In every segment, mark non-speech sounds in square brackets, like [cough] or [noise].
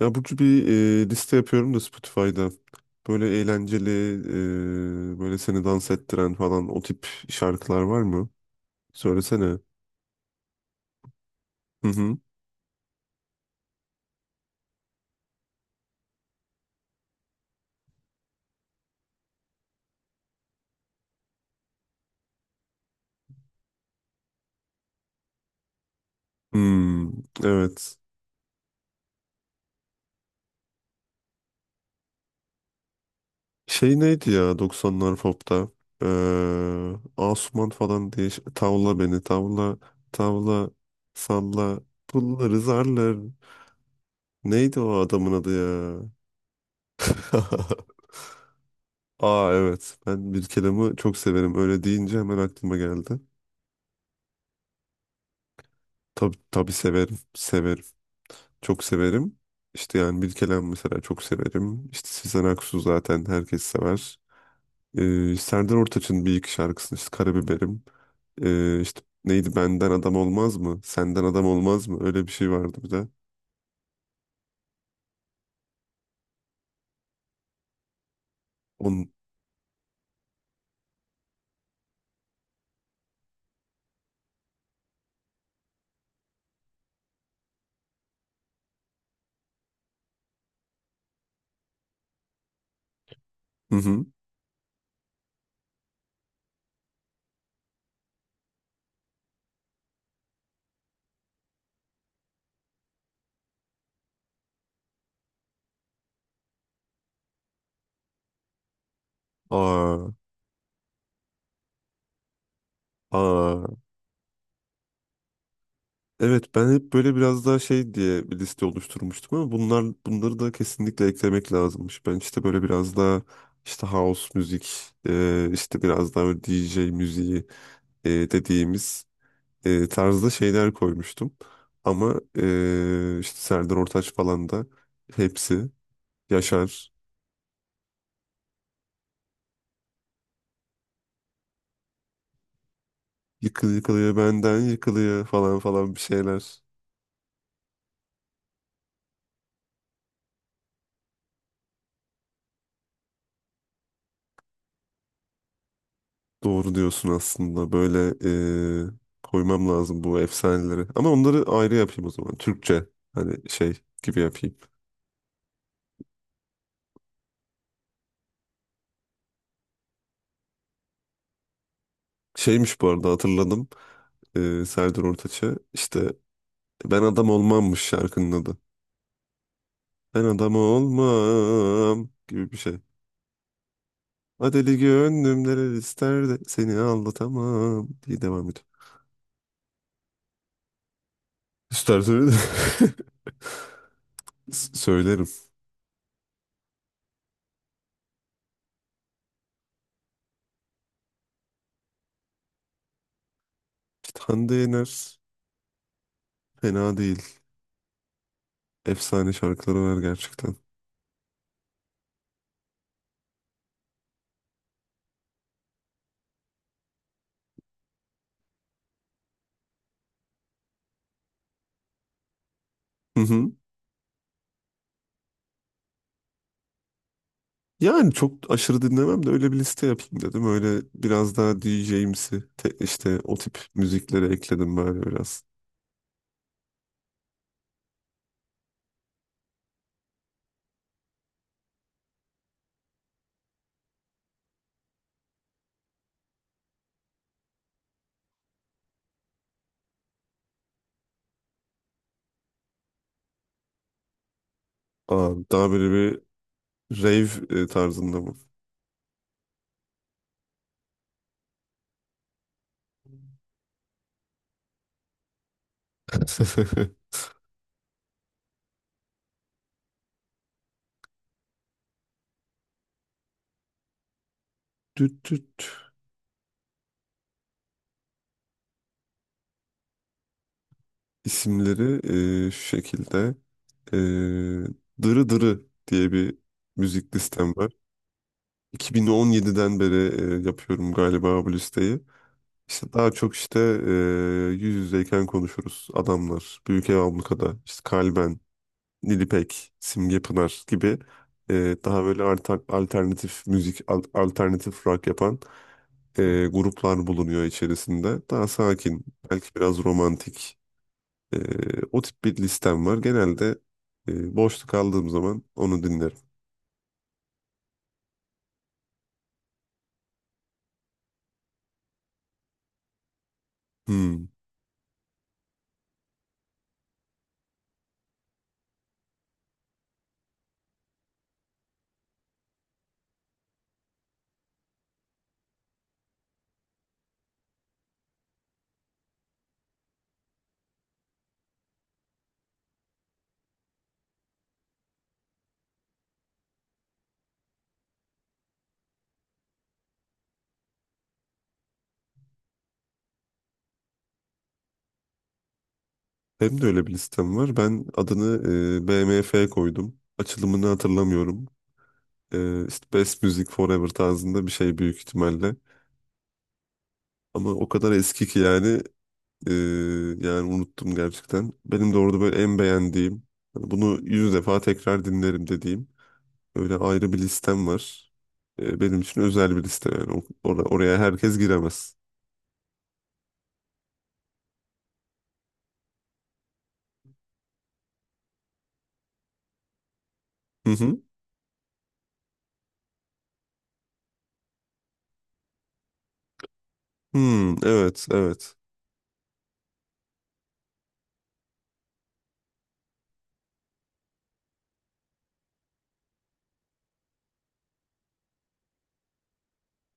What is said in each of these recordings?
Ya Burcu bir liste yapıyorum da Spotify'da. Böyle eğlenceli, böyle seni dans ettiren falan o tip şarkılar var mı? Söylesene. Hı hı. Hmm, evet. Şey neydi ya 90'lar pop'ta? Ee, Asuman falan diye tavla beni tavla tavla salla pulları zarlar. Neydi o adamın adı ya? [laughs] Aa, evet, ben bir kelamı çok severim, öyle deyince hemen aklıma geldi. Tabii, tabii severim. Severim. Çok severim. İşte yani Bilkelen mesela çok severim. İşte Sezen Aksu zaten herkes sever. Serdar Ortaç'ın bir iki şarkısını işte Karabiberim. İşte neydi Benden Adam Olmaz mı? Senden Adam Olmaz mı? Öyle bir şey vardı bir de. on Hı hı. Aa, aa. Evet, ben hep böyle biraz daha şey diye bir liste oluşturmuştum, ama bunları da kesinlikle eklemek lazımmış. Ben işte böyle biraz daha işte house müzik, işte biraz daha böyle DJ müziği dediğimiz tarzda şeyler koymuştum. Ama işte Serdar Ortaç falan da hepsi Yaşar, yıkılıyor benden yıkılıyor falan falan bir şeyler. Doğru diyorsun aslında. Böyle eee, koymam lazım bu efsaneleri. Ama onları ayrı yapayım o zaman. Türkçe hani şey gibi yapayım. Şeymiş, bu arada hatırladım. Serdar Ortaç'ı. İşte ben adam olmammış şarkının adı. Ben adam olmam gibi bir şey. Adeli gönlüm neler ister de seni anlatamam diye devam ediyor. İster söyle. [laughs] Söylerim. Hande Yener fena değil. Efsane şarkıları var gerçekten. Hı hı. Yani çok aşırı dinlemem de öyle bir liste yapayım dedim. Öyle biraz daha DJ'imsi, işte o tip müzikleri ekledim böyle biraz. Aa, daha böyle bir rave tarzında mı? [laughs] Düt düt isimleri şu şekilde. E, Dırı Dırı diye bir müzik listem var. 2017'den beri yapıyorum galiba bu listeyi. İşte daha çok işte e, yüz yüzeyken konuşuruz. Adamlar, Büyük Ev Ablukada, işte Kalben, Nilipek, Simge Pınar gibi daha böyle alternatif müzik, alternatif rock yapan gruplar bulunuyor içerisinde. Daha sakin, belki biraz romantik. e, o tip bir listem var. Genelde boşluk aldığım zaman onu dinlerim. Hmm. Benim de öyle bir listem var. Ben adını BMF koydum. Açılımını hatırlamıyorum. E, işte Best Music Forever tarzında bir şey büyük ihtimalle. Ama o kadar eski ki yani. Ee, yani unuttum gerçekten. Benim de orada böyle en beğendiğim, hani bunu 100 defa tekrar dinlerim dediğim öyle ayrı bir listem var. Benim için özel bir liste yani. Oraya herkes giremez. Hı hı. Hmm, evet, evet.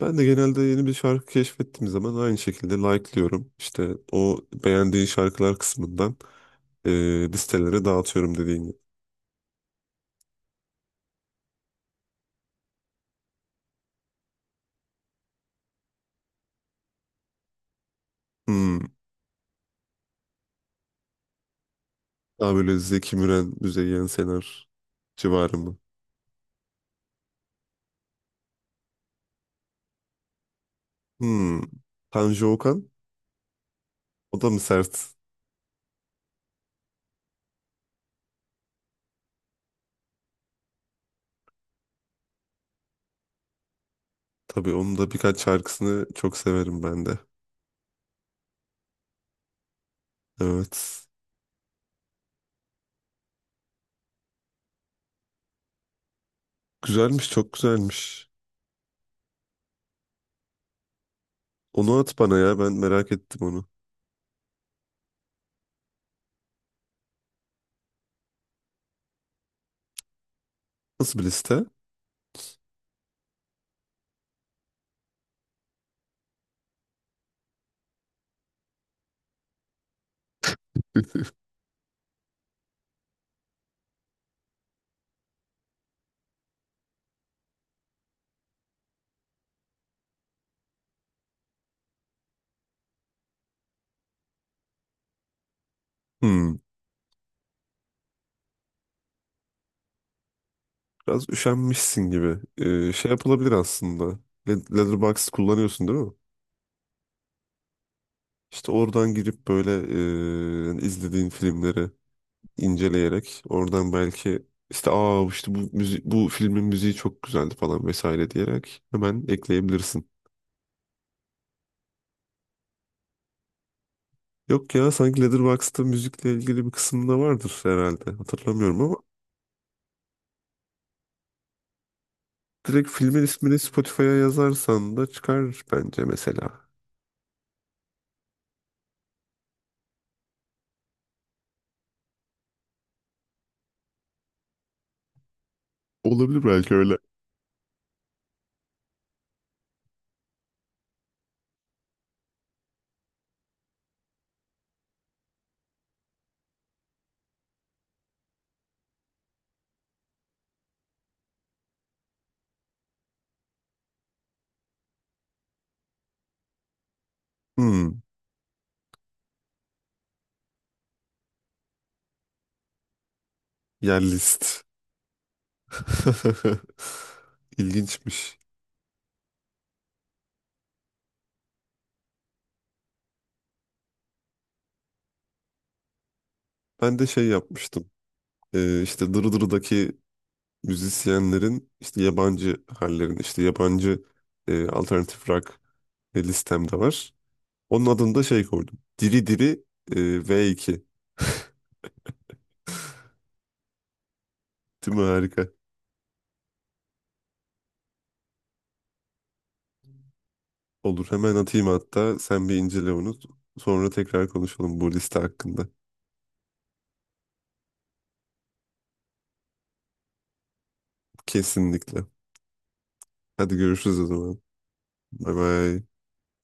Ben de genelde yeni bir şarkı keşfettiğim zaman aynı şekilde like'lıyorum. İşte o beğendiğin şarkılar kısmından e, listelere dağıtıyorum dediğin gibi. Hmm. Daha böyle Zeki Müren, Müzeyyen Senar civarı mı? Hmm. Tanju Okan? O da mı sert? Tabii, onun da birkaç şarkısını çok severim ben de. Evet. Güzelmiş, çok güzelmiş. Onu at bana ya, ben merak ettim onu. Nasıl bir liste? Hmm, biraz üşenmişsin gibi. Şey yapılabilir aslında. Letterboxd kullanıyorsun değil mi? İşte oradan girip böyle izlediğin filmleri inceleyerek oradan belki işte, aa, işte bu filmin müziği çok güzeldi falan vesaire diyerek hemen ekleyebilirsin. Yok ya, sanki Letterboxd'da müzikle ilgili bir kısımda vardır herhalde. Hatırlamıyorum ama direkt filmin ismini Spotify'a yazarsan da çıkar bence mesela. Olabilir belki öyle. Hmm, yer list. [laughs] İlginçmiş. Ben de şey yapmıştım. İşte Dırdır'daki müzisyenlerin işte yabancı hallerin işte yabancı alternatif rock listemde var. Onun adını da şey koydum. Diri Diri e, V2. Değil mi? Harika. Olur, hemen atayım hatta. Sen bir incele onu. Sonra tekrar konuşalım bu liste hakkında. Kesinlikle. Hadi görüşürüz o zaman. Bay bay.